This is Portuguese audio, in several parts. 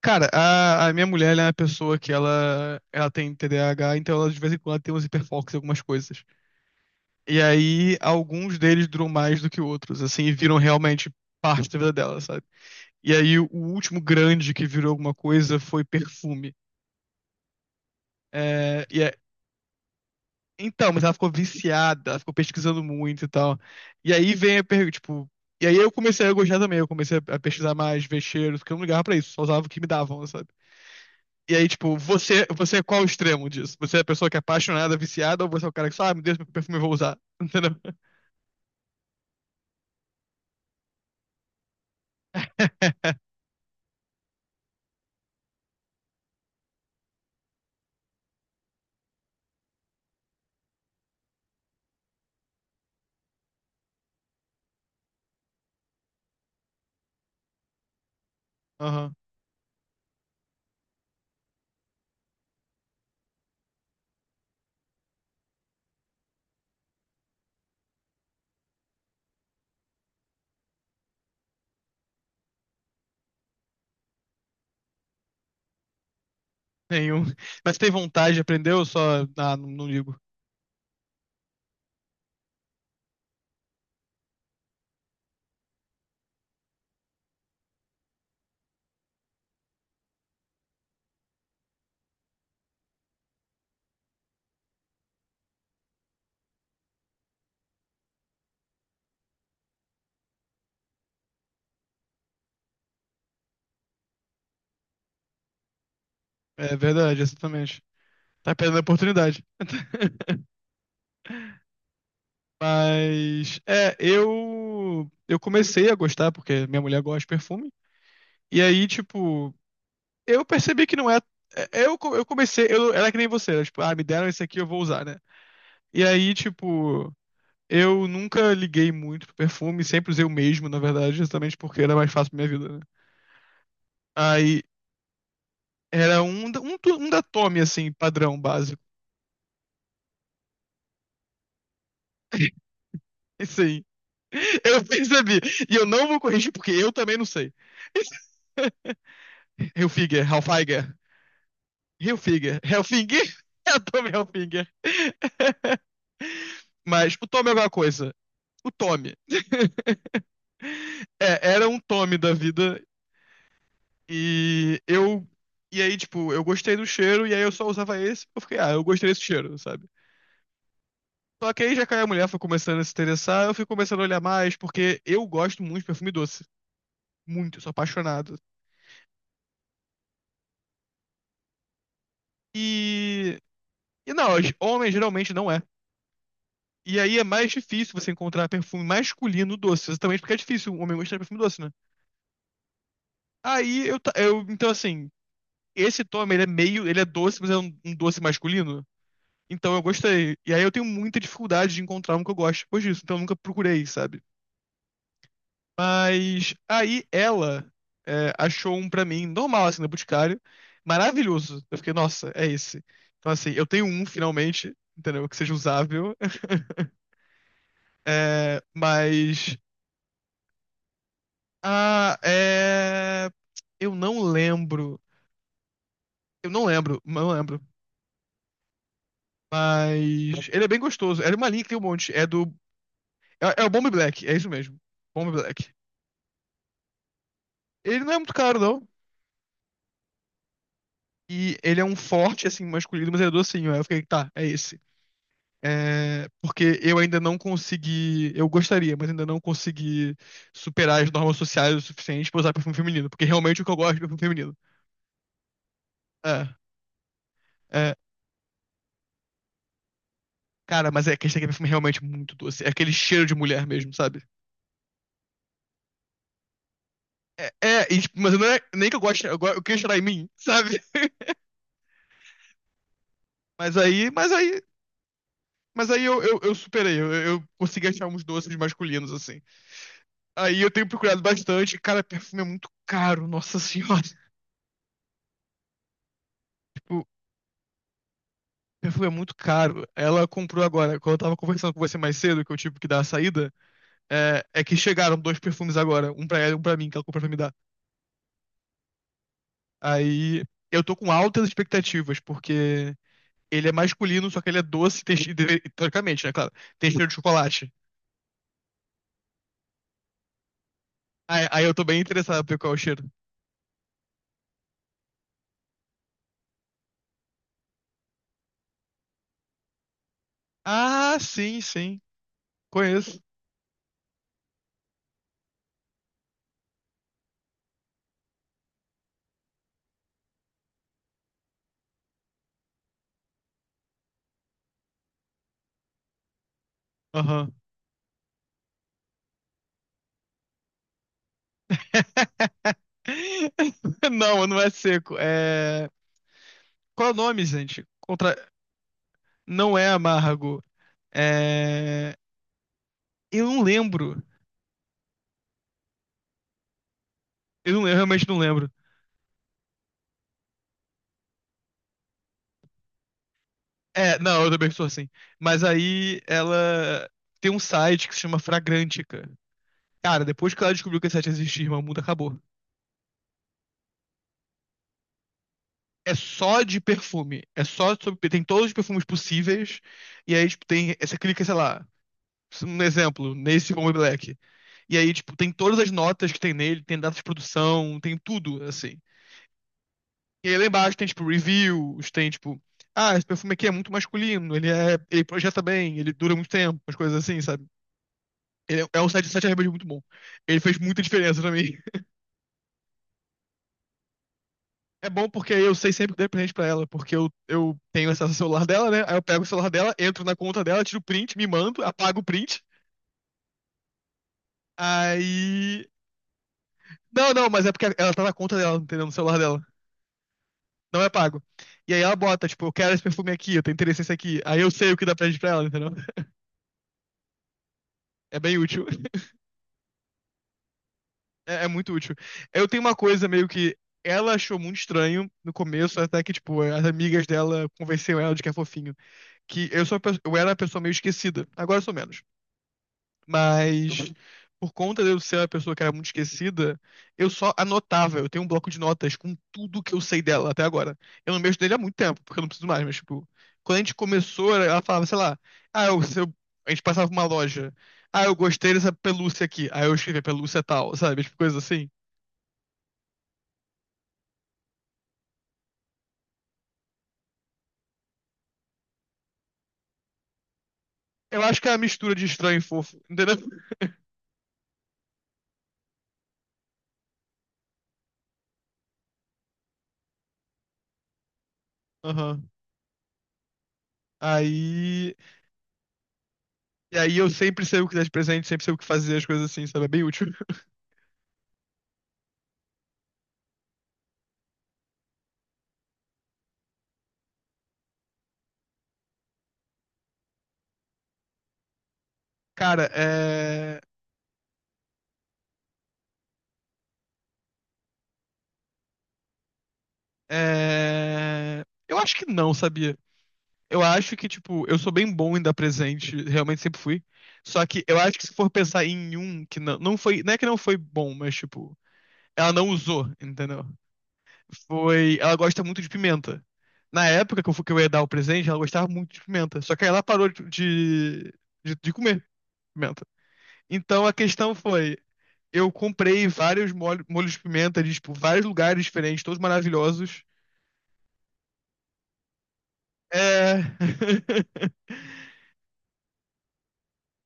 Cara, a minha mulher, ela é uma pessoa que ela tem TDAH, então ela de vez em quando ela tem uns hiperfocos em algumas coisas. E aí, alguns deles duram mais do que outros, assim, e viram realmente parte da vida dela, sabe? E aí, o último grande que virou alguma coisa foi perfume. É, e é- então, mas ela ficou viciada, ela ficou pesquisando muito e tal. E aí vem a pergunta, tipo... E aí eu comecei a gostar também, eu comecei a pesquisar mais, ver cheiros, porque eu não ligava pra isso, só usava o que me davam. E aí, tipo, você é qual o extremo disso? Você é a pessoa que é apaixonada, viciada, ou você é o cara que só ah, me deixa meu perfume, eu vou usar? Entendeu? Aham. Nenhum. Mas tem vontade, aprendeu, só. Ah, não, não ligo. É verdade, exatamente. Tá perdendo a oportunidade. Mas. É, eu. Eu comecei a gostar, porque minha mulher gosta de perfume. E aí, tipo, eu percebi que não é. É, eu comecei. Eu era que nem você, era tipo, ah, me deram esse aqui, eu vou usar, né? E aí, tipo. Eu nunca liguei muito pro perfume, sempre usei o mesmo, na verdade, justamente porque era mais fácil pra minha vida, né? Aí era um da Tommy, assim, padrão básico. Isso aí. Eu percebi. E eu não vou corrigir porque eu também não sei. Hilfiger, Halfiger, Hilfiger, Helfinger, é o Tommy Hilfiger. Mas o Tommy é alguma coisa. O Tommy. É, era um Tommy da vida. E eu. E aí, tipo, eu gostei do cheiro, e aí eu só usava esse, eu fiquei, ah, eu gostei desse cheiro, sabe? Só que aí já caiu a mulher, foi começando a se interessar, eu fui começando a olhar mais, porque eu gosto muito de perfume doce. Muito, eu sou apaixonado. E. E não, homem geralmente não é. E aí é mais difícil você encontrar perfume masculino doce, exatamente porque é difícil um homem gostar de perfume doce, né? Eu então assim, esse Tommy, ele é meio, ele é doce, mas é um doce masculino. Então eu gostei. E aí eu tenho muita dificuldade de encontrar um que eu goste depois disso. Então eu nunca procurei, sabe? Mas aí ela, é, achou um pra mim, normal, assim, na Boticário. Maravilhoso. Eu fiquei, nossa, é esse. Então, assim, eu tenho um finalmente, entendeu? Que seja usável. É, mas. Ah, é. Eu não lembro. Eu não lembro, não lembro. Mas. Ele é bem gostoso. É uma linha que tem um monte. É do. É, é o Bomb Black, é isso mesmo. Bomb Black. Ele não é muito caro, não. E ele é um forte, assim, masculino, mas ele é docinho. Aí eu fiquei, tá, é esse. É, porque eu ainda não consegui. Eu gostaria, mas ainda não consegui superar as normas sociais o suficiente pra usar perfume feminino. Porque realmente o que eu gosto é perfume feminino. É, é. Cara, mas é que esse aqui é perfume é realmente muito doce. É aquele cheiro de mulher mesmo, sabe? É, é e tipo, mas não é nem que eu goste, eu queria cheirar em mim, sabe? Mas aí, mas aí, mas aí eu, eu superei. Eu consegui achar uns doces masculinos, assim. Aí eu tenho procurado bastante. Cara, perfume é muito caro, nossa senhora. Tipo, perfume é muito caro. Ela comprou agora, quando eu tava conversando com você mais cedo, que eu tive que dar a saída. É que chegaram dois perfumes agora, um pra ela e um pra mim, que ela comprou pra me dar. Aí eu tô com altas expectativas, porque ele é masculino, só que ele é doce, e tem, che- deve- teoricamente, né, claro, tem cheiro de chocolate. Aí eu tô bem interessado pra ver qual é o cheiro. Ah, sim, sim, conheço. Aham. Não, não é seco, é... Qual é o nome, gente? Contra... Não é Amargo. É... Eu não lembro. Eu, não- eu realmente não lembro. É, não, eu também sou assim. Mas aí ela tem um site que se chama Fragrantica. Cara, depois que ela descobriu que esse site existia, irmão, o mundo acabou. É só de perfume. É só sobre... Tem todos os perfumes possíveis. E aí, tipo, tem... Você clica, sei lá, um exemplo, nesse Bomba Black. E aí, tipo, tem todas as notas que tem nele, tem data de produção, tem tudo, assim. E aí lá embaixo tem, tipo, reviews, tem, tipo, ah, esse perfume aqui é muito masculino, ele é, ele projeta bem, ele dura muito tempo, as coisas assim, sabe? Ele é, é um site realmente muito bom. Ele fez muita diferença pra mim. É bom porque eu sei sempre que dei presente pra ela, porque eu tenho acesso ao celular dela, né? Aí eu pego o celular dela, entro na conta dela, tiro o print, me mando, apago o print. Aí. Não, não, mas é porque ela tá na conta dela, entendeu? No celular dela. Não é pago. E aí ela bota, tipo, eu quero esse perfume aqui, eu tenho interesse nesse aqui. Aí eu sei o que dá presente pra ela, entendeu? É bem útil. É, é muito útil. Eu tenho uma coisa meio que ela achou muito estranho no começo, até que, tipo, as amigas dela convenceram ela de que é fofinho. Que eu sou, a pe- eu era a pessoa meio esquecida. Agora eu sou menos. Mas por conta de eu ser a pessoa que era muito esquecida, eu só anotava. Eu tenho um bloco de notas com tudo que eu sei dela até agora. Eu não mexo nele há muito tempo, porque eu não preciso mais, mas, tipo, quando a gente começou, ela falava, sei lá, ah, eu, se eu- a gente passava por uma loja. Ah, eu gostei dessa pelúcia aqui. Aí eu escrevia pelúcia tal, sabe? Tipo, coisa assim. Eu acho que é a mistura de estranho e fofo, entendeu? Aham. Aí. E aí eu sempre sei o que dar de presente, sempre sei o que fazer, as coisas assim, sabe? É bem útil. Cara, é. É. Eu acho que não, sabia? Eu acho que, tipo, eu sou bem bom em dar presente, realmente sempre fui. Só que eu acho que se for pensar em um que não, não foi, não é que não foi bom, mas, tipo, ela não usou, entendeu? Foi, ela gosta muito de pimenta. Na época que eu, fu- que eu ia dar o presente, ela gostava muito de pimenta. Só que aí ela parou de comer pimenta. Então a questão foi, eu comprei vários molho- molhos de pimenta de, tipo, vários lugares diferentes, todos maravilhosos. É.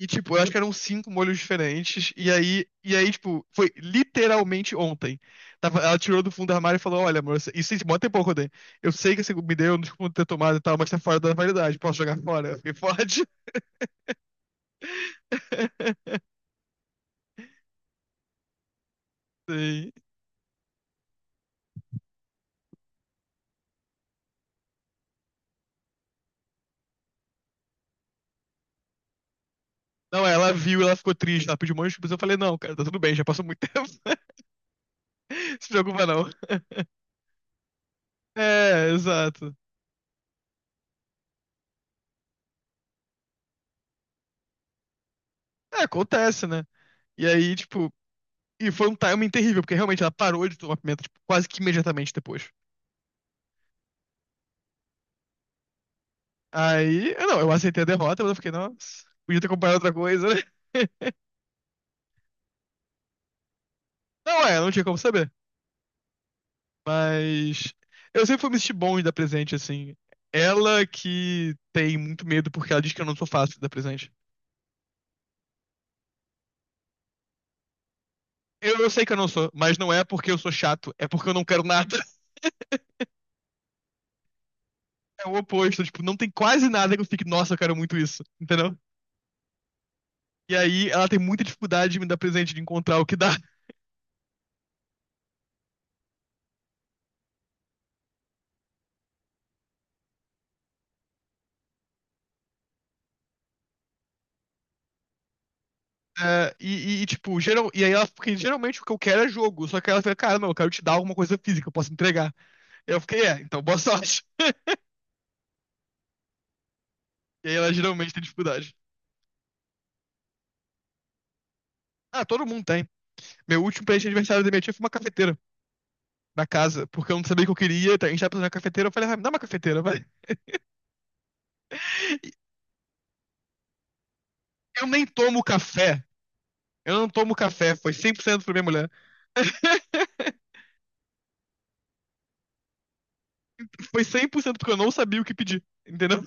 E, tipo, eu acho que eram cinco molhos diferentes. E aí, tipo, foi literalmente ontem. Tava, ela tirou do fundo do armário e falou: Olha, amor, isso tem mó tempo que eu sei que você me deu, eu não desculpa ter tomado e tal, mas tá fora da validade. Posso jogar fora? Eu fiquei, pode. Sim. Não, ela viu, ela ficou triste, ela pediu um monte de desculpas. Eu falei: Não, cara, tá tudo bem, já passou muito tempo. Se preocupa, não. É, exato. É, acontece, né? E aí, tipo, e foi um timing terrível, porque realmente ela parou de tomar pimenta, tipo, quase que imediatamente depois. Aí, eu não, eu aceitei a derrota, mas eu fiquei, nossa, podia ter comprado outra coisa, né? Não é, não tinha como saber. Mas eu sempre fui me sentir bom de dar presente, assim. Ela que tem muito medo porque ela diz que eu não sou fácil de dar presente. Eu sei que eu não sou, mas não é porque eu sou chato, é porque eu não quero nada. É o oposto, tipo, não tem quase nada que eu fique, nossa, eu quero muito isso, entendeu? E aí ela tem muita dificuldade de me dar presente, de encontrar o que dá. E, tipo, geral, e aí ela, porque geralmente o que eu quero é jogo, só que ela fica, cara, não, eu quero te dar alguma coisa física, eu posso entregar. E eu fiquei, é, então boa sorte. E aí ela geralmente tem dificuldade. Ah, todo mundo tem. Meu último presente de aniversário da minha tia foi uma cafeteira na casa, porque eu não sabia o que eu queria, então a gente tava precisando de uma cafeteira, eu falei, ah, me dá uma cafeteira, vai. Eu nem tomo café, eu não tomo café, foi 100% pra minha mulher. Foi 100% porque eu não sabia o que pedir, entendeu?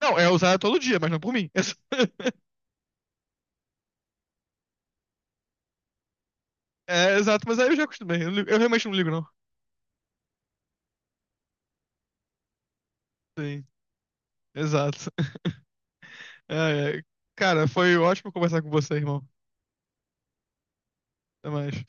Não, é usada todo dia, mas não por mim. É, é, exato, mas aí eu já acostumei, eu, não ligo- eu realmente não ligo, não. Sim, exato. É, é. Cara, foi ótimo conversar com você, irmão. Até mais.